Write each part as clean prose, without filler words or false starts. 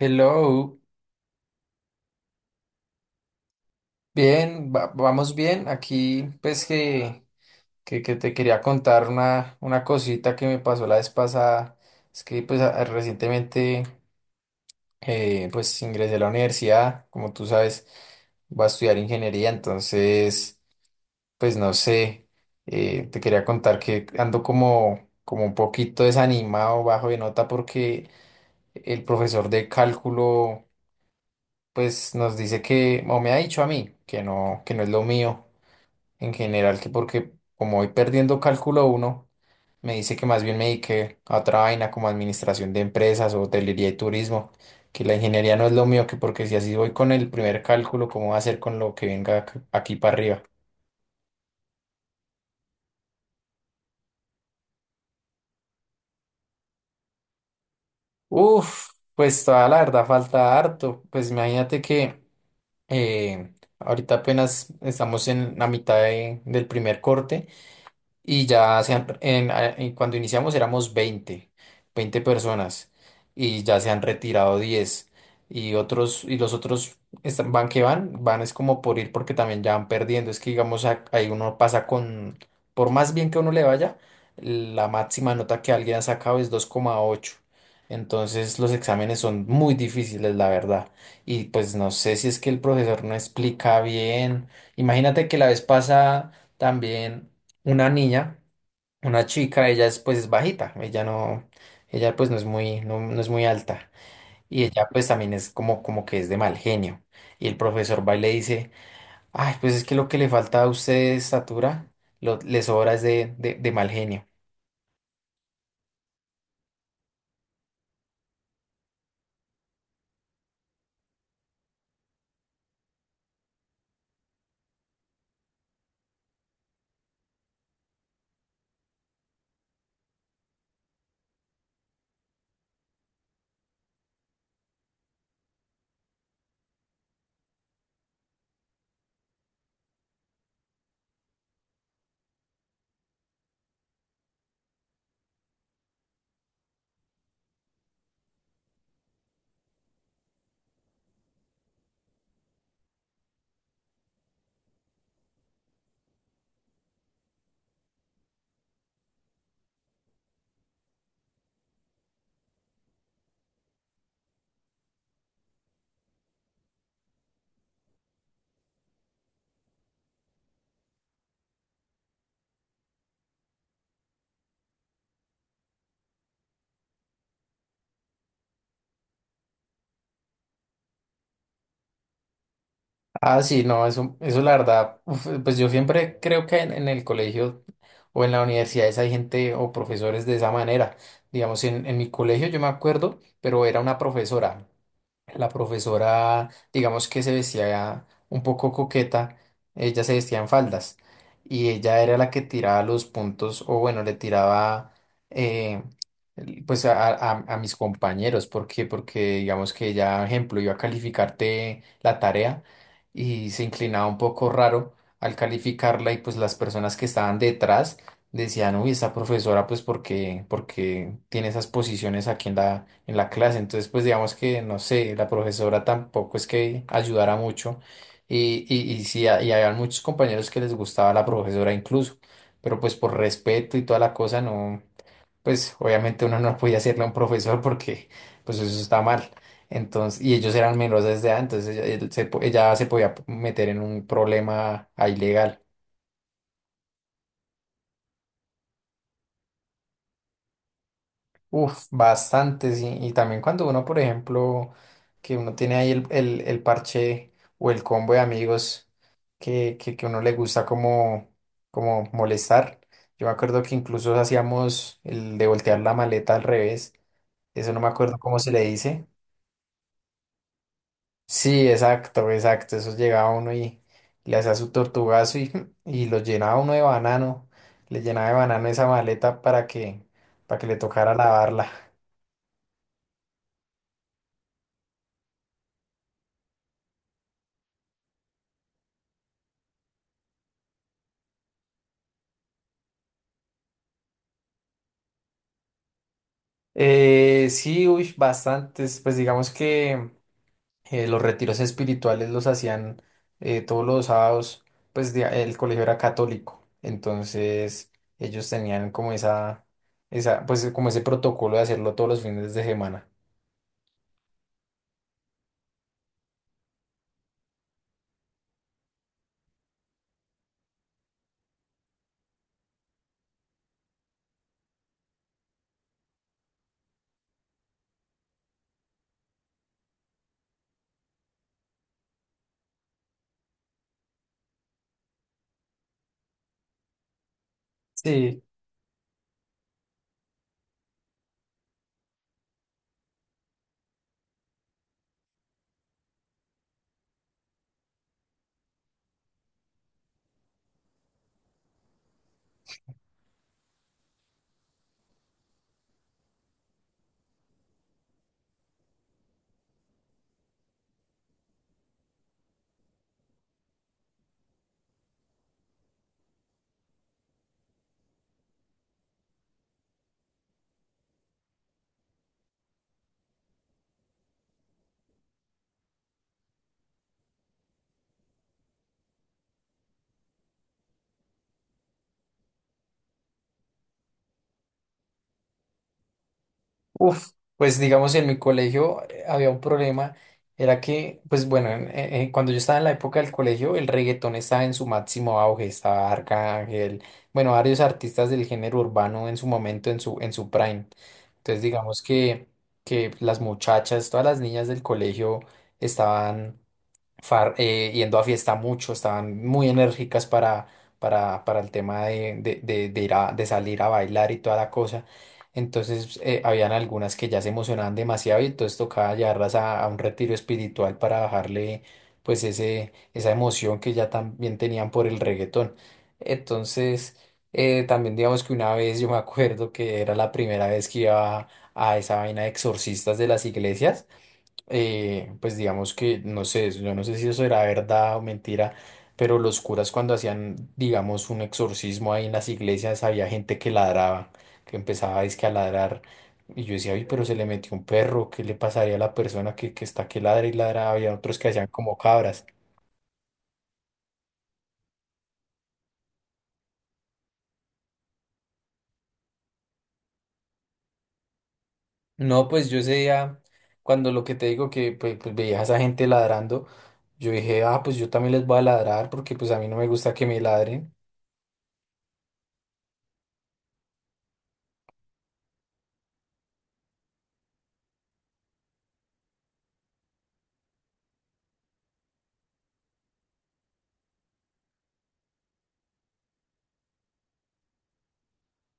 Hello, bien, vamos bien. Aquí pues que te quería contar una cosita que me pasó la vez pasada. Es que pues recientemente pues ingresé a la universidad, como tú sabes, voy a estudiar ingeniería, entonces pues no sé, te quería contar que ando como un poquito desanimado, bajo de nota porque el profesor de cálculo pues nos dice que, o me ha dicho a mí, que no es lo mío en general, que porque como voy perdiendo cálculo uno me dice que más bien me dediqué a otra vaina como administración de empresas o hotelería y turismo, que la ingeniería no es lo mío, que porque si así voy con el primer cálculo, ¿cómo va a ser con lo que venga aquí para arriba? Uf, pues toda la verdad falta harto. Pues imagínate que eh, ahorita apenas estamos en la mitad del primer corte. Y ya se han, cuando iniciamos éramos veinte personas y ya se han retirado 10 y los otros van que van es como por ir porque también ya van perdiendo, es que digamos ahí uno pasa con por más bien que uno le vaya, la máxima nota que alguien ha sacado es 2,8. Entonces los exámenes son muy difíciles, la verdad. Y pues no sé si es que el profesor no explica bien. Imagínate que la vez pasada también una niña, una chica, ella es pues es bajita, ella no, ella pues no es muy, no, no es muy alta. Y ella pues también es como, como que es de mal genio. Y el profesor va y le dice, ay, pues es que lo que le falta a usted de estatura, lo, le sobra es de mal genio. Ah, sí, no, eso la verdad, uf, pues yo siempre creo que en el colegio o en la universidad hay gente o profesores de esa manera. Digamos, en mi colegio yo me acuerdo, pero era una profesora. La profesora, digamos que se vestía un poco coqueta, ella se vestía en faldas y ella era la que tiraba los puntos o bueno, le tiraba eh, pues a mis compañeros, ¿por qué? Porque digamos que ella, ejemplo, iba a calificarte la tarea y se inclinaba un poco raro al calificarla y pues las personas que estaban detrás decían, uy, esta profesora, pues, porque, porque tiene esas posiciones aquí en la clase. Entonces, pues, digamos que, no sé, la profesora tampoco es que ayudara mucho. Y sí, y había muchos compañeros que les gustaba la profesora incluso. Pero, pues, por respeto y toda la cosa, no, pues, obviamente uno no podía hacerle a un profesor porque, pues, eso está mal. Entonces, y ellos eran menores de edad, entonces ella se podía meter en un problema ahí legal. Uf, bastantes. Y también cuando uno, por ejemplo, que uno tiene ahí el parche o el combo de amigos que uno le gusta como molestar. Yo me acuerdo que incluso hacíamos el de voltear la maleta al revés. Eso no me acuerdo cómo se le dice. Sí, exacto, exacto. Eso llegaba uno y le hacía su tortugazo y, y lo llenaba uno de banano. Le llenaba de banano esa maleta para que le tocara lavarla. Sí, uy, bastantes. Pues digamos que los retiros espirituales los hacían todos los sábados, pues el colegio era católico, entonces ellos tenían como esa, pues como ese protocolo de hacerlo todos los fines de semana. Sí. Uf, pues digamos en mi colegio había un problema, era que, pues bueno, cuando yo estaba en la época del colegio, el reggaetón estaba en su máximo auge, estaba Arcángel, bueno, varios artistas del género urbano en su momento, en su prime. Entonces digamos que las muchachas, todas las niñas del colegio estaban yendo a fiesta mucho, estaban muy enérgicas para el tema de ir de salir a bailar y toda la cosa. Entonces, habían algunas que ya se emocionaban demasiado y entonces tocaba llevarlas a un retiro espiritual para bajarle pues ese, esa emoción que ya también tenían por el reggaetón. Entonces, también digamos que una vez yo me acuerdo que era la primera vez que iba a esa vaina de exorcistas de las iglesias pues digamos que, no sé, yo no sé si eso era verdad o mentira, pero los curas cuando hacían, digamos, un exorcismo ahí en las iglesias, había gente que ladraba, que empezaba dizque a ladrar. Y yo decía, uy, pero se le metió un perro, ¿qué le pasaría a la persona que está que ladra y ladra? Había otros que hacían como cabras. No, pues yo ese día, cuando lo que te digo que pues, veía a esa gente ladrando, yo dije, ah, pues yo también les voy a ladrar porque pues a mí no me gusta que me ladren.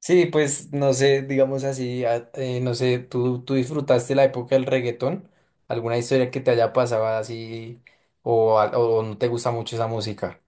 Sí, pues no sé, digamos así, no sé, ¿tú disfrutaste la época del reggaetón? ¿Alguna historia que te haya pasado así o, o no te gusta mucho esa música?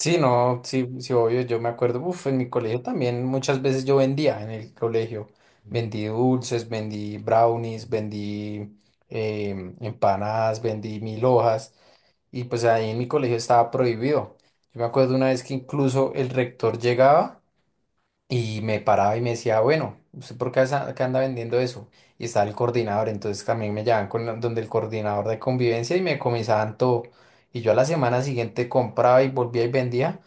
Sí, no, sí, sí, obvio, yo me acuerdo, uf, en mi colegio también muchas veces yo vendía en el colegio, vendí dulces, vendí brownies, vendí empanadas, vendí mil hojas. Y pues ahí en mi colegio estaba prohibido. Yo me acuerdo una vez que incluso el rector llegaba y me paraba y me decía, bueno, ¿usted por qué qué anda vendiendo eso? Y estaba el coordinador, entonces también me llevaban con donde el coordinador de convivencia y me comisaban todo. Y yo a la semana siguiente compraba y volvía y vendía,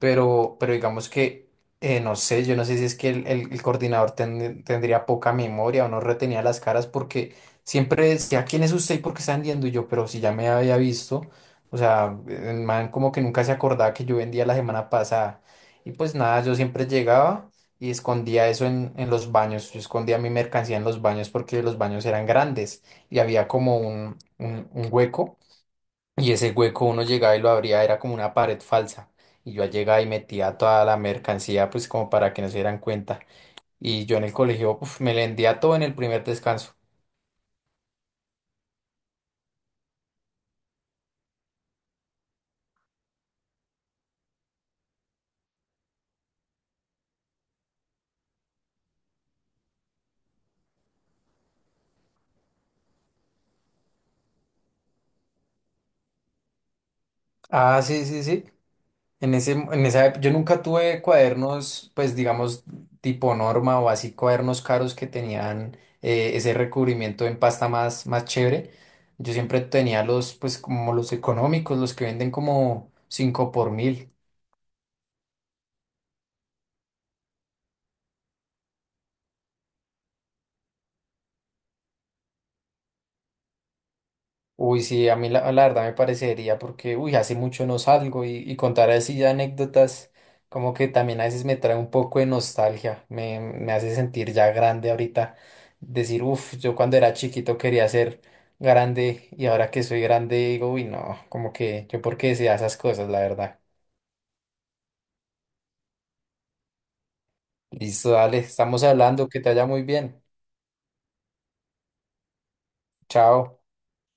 pero digamos que, no sé, yo no sé si es que el coordinador tendría poca memoria o no retenía las caras porque siempre decía, ¿quién es usted y por qué está vendiendo? Y yo, pero si ya me había visto, o sea, el man como que nunca se acordaba que yo vendía la semana pasada. Y pues nada, yo siempre llegaba y escondía eso en los baños. Yo escondía mi mercancía en los baños porque los baños eran grandes y había como un hueco y ese hueco uno llegaba y lo abría, era como una pared falsa. Y yo llegaba y metía toda la mercancía pues como para que no se dieran cuenta. Y yo en el colegio uf, me vendía todo en el primer descanso. Ah, sí, sí, sí. En ese, en esa, yo nunca tuve cuadernos, pues digamos, tipo norma o así cuadernos caros que tenían ese recubrimiento en pasta más, más chévere. Yo siempre tenía los, pues como los económicos, los que venden como 5 por 1.000. Uy, sí, a mí la verdad me parecería porque, uy, hace mucho no salgo y contar así anécdotas como que también a veces me trae un poco de nostalgia, me hace sentir ya grande ahorita, decir, uff, yo cuando era chiquito quería ser grande y ahora que soy grande digo, uy, no, como que yo por qué decía esas cosas, la verdad. Listo, dale, estamos hablando, que te vaya muy bien. Chao.